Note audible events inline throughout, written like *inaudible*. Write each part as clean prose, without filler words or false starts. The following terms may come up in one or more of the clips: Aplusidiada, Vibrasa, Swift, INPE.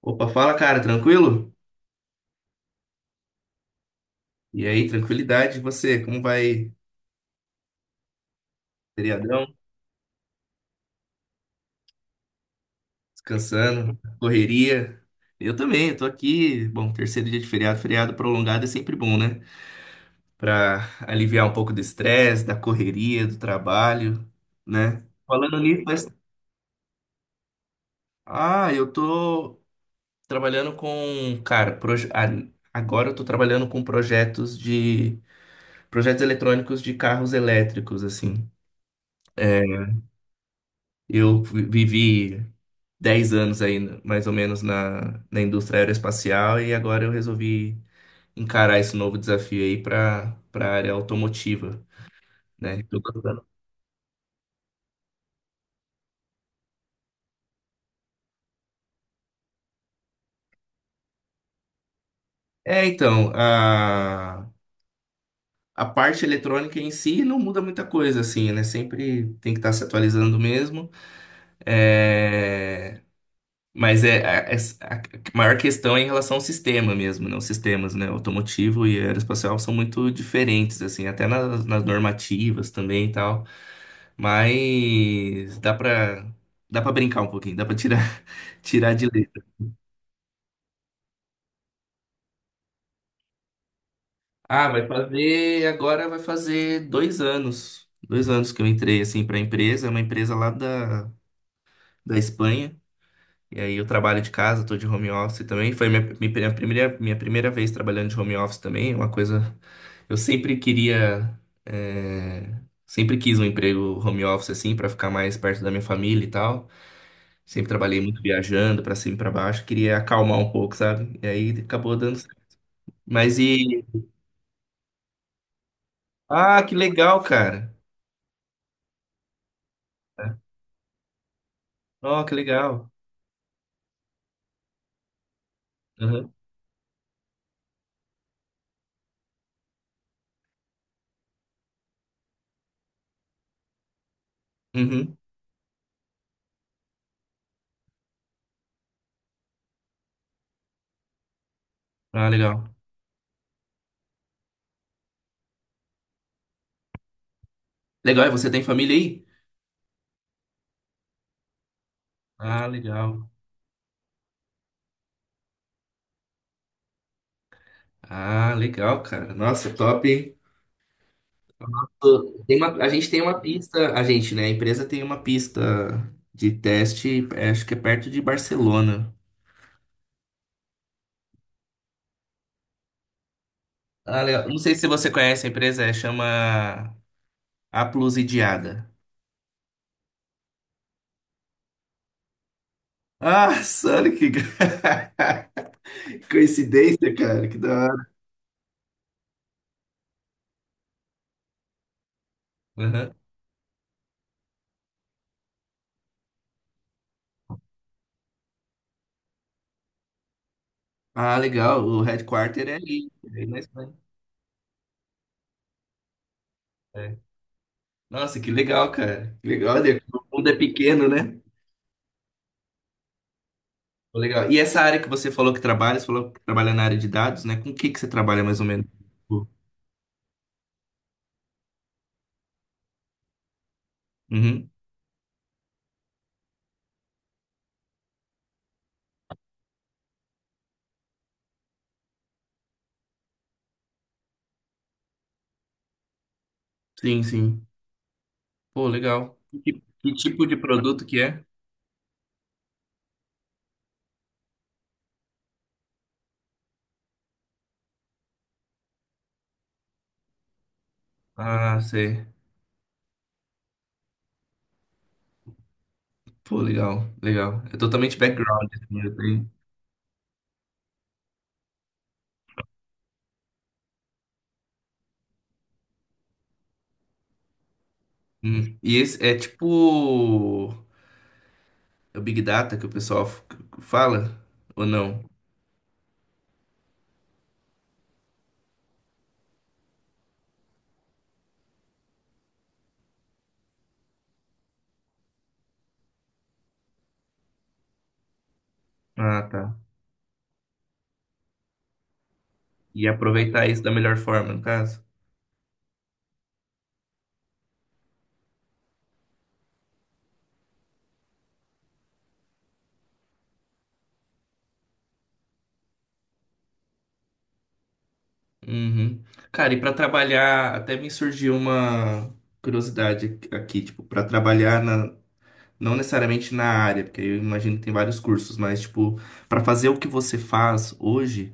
Opa, fala, cara, tranquilo? E aí, tranquilidade, e você? Como vai? Feriadão? Descansando? Correria? Eu também, eu tô aqui. Bom, terceiro dia de feriado, feriado prolongado é sempre bom, né? Pra aliviar um pouco do estresse, da correria, do trabalho, né? Falando nisso, mas... ah, eu tô trabalhando com, cara, agora eu tô trabalhando com projetos eletrônicos de carros elétricos, assim. É, eu vivi 10 anos aí, mais ou menos, na indústria aeroespacial e agora eu resolvi encarar esse novo desafio aí para a área automotiva, né? Tô gostando. É, então, a parte eletrônica em si não muda muita coisa, assim, né? Sempre tem que estar se atualizando mesmo. É, mas é a, a maior questão é em relação ao sistema mesmo, né? Os sistemas, né? Automotivo e aeroespacial são muito diferentes, assim, até nas normativas também e tal. Mas dá pra brincar um pouquinho, dá pra tirar, *laughs* tirar de letra. Ah, agora vai fazer 2 anos. 2 anos que eu entrei, assim, pra empresa, é uma empresa lá da Espanha. E aí eu trabalho de casa, tô de home office também. Foi minha primeira vez trabalhando de home office também. É uma coisa. Eu sempre queria. eh, Sempre quis um emprego home office, assim, pra ficar mais perto da minha família e tal. Sempre trabalhei muito viajando, pra cima e pra baixo. Queria acalmar um pouco, sabe? E aí acabou dando certo. Mas e. Ah, que legal, cara. Ó, que legal. Uhum. Uhum. Ah, legal. Legal, e você tem família aí? Ah, legal. Ah, legal, cara. Nossa, top, hein? Tem uma, a gente tem uma pista, a gente, né? A empresa tem uma pista de teste, é, acho que é perto de Barcelona. Ah, legal. Não sei se você conhece a empresa, é, chama Aplusidiada. Ah, sério que *laughs* coincidência, cara, que da hora. Aham. Ah, legal, o headquarter é ali, é aí na Espanha. É. Nossa, que legal, cara. Que legal, olha, o mundo é pequeno, né? Pô, legal. E essa área que você falou que trabalha, você falou que trabalha na área de dados, né? Com o que que você trabalha mais ou menos? Uhum. Sim, sim. Pô, legal. Que tipo de produto que é? Ah, sei. Pô, legal, legal. É totalmente background, assim, eu tenho. Hum. E esse é tipo é o Big Data que o pessoal fala? Ou não? Ah, tá. E aproveitar isso da melhor forma, no caso? Uhum. Cara, e pra trabalhar, até me surgiu uma curiosidade aqui, tipo, pra trabalhar na, não necessariamente na área, porque eu imagino que tem vários cursos, mas, tipo, pra fazer o que você faz hoje,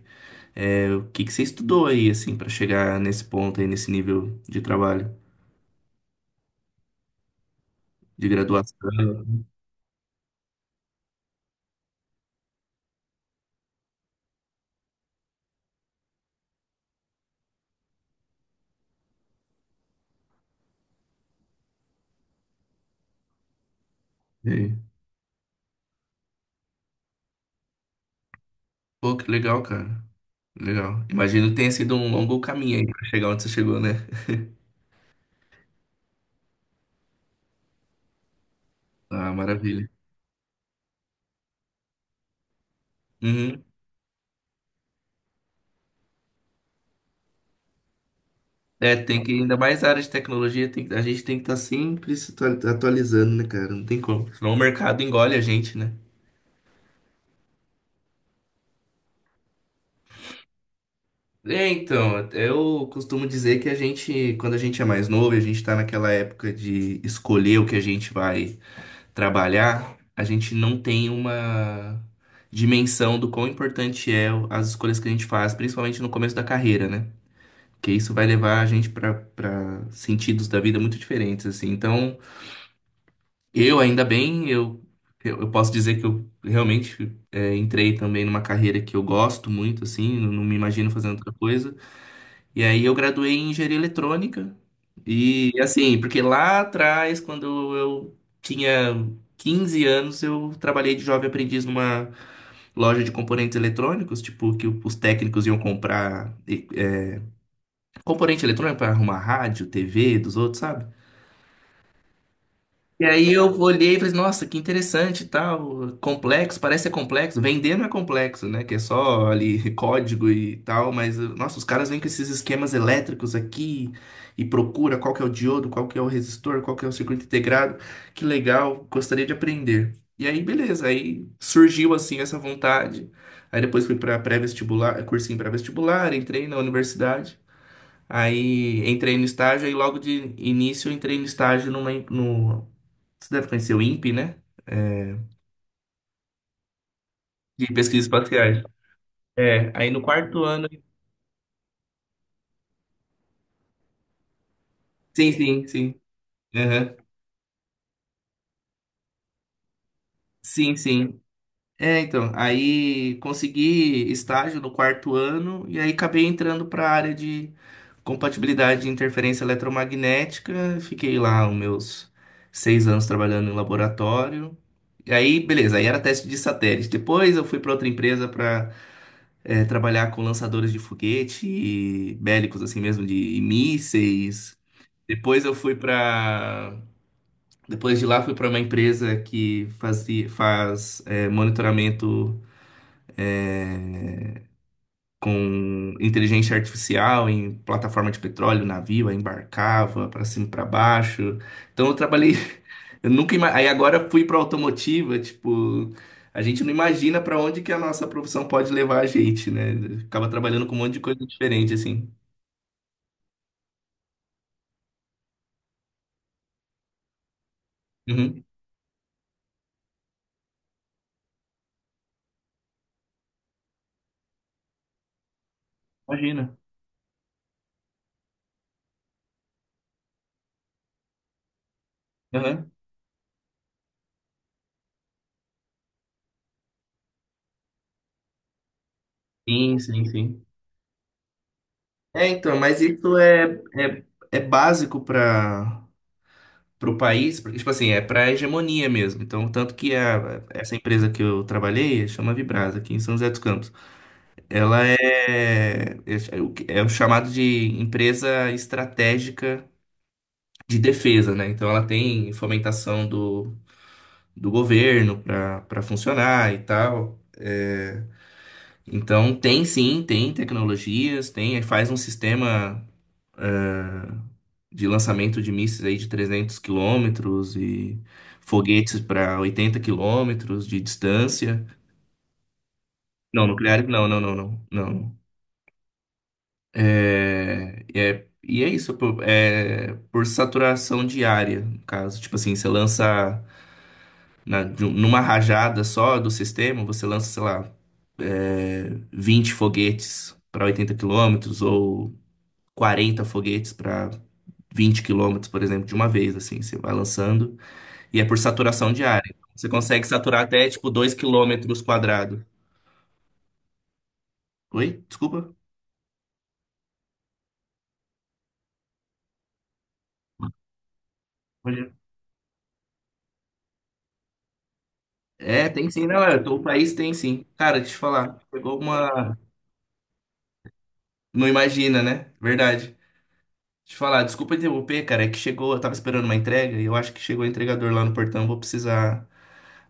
é, o que que você estudou aí, assim, pra chegar nesse ponto aí, nesse nível de trabalho, de graduação? E aí? Pô, que legal, cara. Legal. Imagino que tenha sido um longo caminho aí pra chegar onde você chegou, né? Ah, maravilha. Uhum. É, tem que, ainda mais a área de tecnologia, a gente tem que estar sempre se atualizando, né, cara? Não tem como. Senão o mercado engole a gente, né? É, então, eu costumo dizer que a gente, quando a gente é mais novo, e a gente está naquela época de escolher o que a gente vai trabalhar, a gente não tem uma dimensão do quão importante é as escolhas que a gente faz, principalmente no começo da carreira, né? Porque isso vai levar a gente para sentidos da vida muito diferentes, assim. Então, eu ainda bem, eu posso dizer que eu realmente entrei também numa carreira que eu gosto muito, assim, não me imagino fazendo outra coisa. E aí eu graduei em engenharia eletrônica. E assim, porque lá atrás, quando eu tinha 15 anos, eu trabalhei de jovem aprendiz numa loja de componentes eletrônicos, tipo, que os técnicos iam comprar componente eletrônico para arrumar rádio, TV dos outros, sabe? E aí eu olhei e falei, nossa, que interessante, e tal, complexo, parece ser complexo. Vender não é complexo, né? Que é só ali *laughs* código e tal, mas nossa, os caras vêm com esses esquemas elétricos aqui e procura qual que é o diodo, qual que é o resistor, qual que é o circuito integrado. Que legal, gostaria de aprender. E aí, beleza, aí surgiu assim essa vontade. Aí depois fui para pré-vestibular, cursinho pré-vestibular, entrei na universidade. Aí entrei no estágio, aí logo de início eu entrei no estágio numa, no, você deve conhecer o INPE, né? É, de pesquisas espaciais. É, aí no quarto ano. Sim, sim, sim. Aham. Sim, sim. É, então, aí consegui estágio no quarto ano e aí acabei entrando para a área de compatibilidade de interferência eletromagnética. Fiquei lá os meus 6 anos trabalhando em laboratório. E aí, beleza, aí era teste de satélite. Depois eu fui para outra empresa para trabalhar com lançadores de foguete e bélicos, assim mesmo, de mísseis. Depois eu fui para. Depois de lá, fui para uma empresa que fazia, faz monitoramento com inteligência artificial em plataforma de petróleo, navio, aí embarcava para cima e para baixo. Então eu trabalhei. *laughs* Eu nunca ima... Aí agora eu fui para automotiva, tipo. A gente não imagina para onde que a nossa profissão pode levar a gente, né? Acaba trabalhando com um monte de coisa diferente, assim. Uhum. Imagina. Aham. Sim, sim, sim. É, então, mas isso é básico para o país, porque, tipo assim, é para hegemonia mesmo. Então, tanto que a, essa empresa que eu trabalhei, chama Vibrasa, aqui em São José dos Campos, ela é o chamado de empresa estratégica de defesa, né? Então, ela tem fomentação do, do, governo para funcionar e tal. É, então, tem sim, tem tecnologias, tem, faz um sistema. De lançamento de mísseis aí de 300 quilômetros e foguetes para 80 quilômetros de distância. Não, nucleares não, não, não, não, não. É, é, e é isso, por, por saturação diária, no caso. Tipo assim, você lança numa rajada só do sistema, você lança, sei lá, é, 20 foguetes para 80 quilômetros ou 40 foguetes para 20 quilômetros, por exemplo, de uma vez, assim, você vai lançando. E é por saturação de área. Você consegue saturar até, tipo, 2 quilômetros quadrados. Oi? Desculpa? Olha. É, tem sim. Não, é, o país tem sim. Cara, deixa eu te falar. Chegou uma... Não imagina, né? Verdade. Deixa eu te falar. Desculpa interromper, cara. É que chegou... Eu tava esperando uma entrega e eu acho que chegou o entregador lá no portão. Vou precisar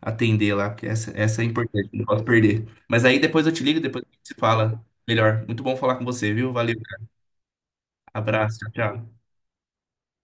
atender lá, porque essa é importante. Não posso perder. Mas aí depois eu te ligo, depois a gente se fala melhor. Muito bom falar com você, viu? Valeu, cara. Abraço. Tchau, tchau.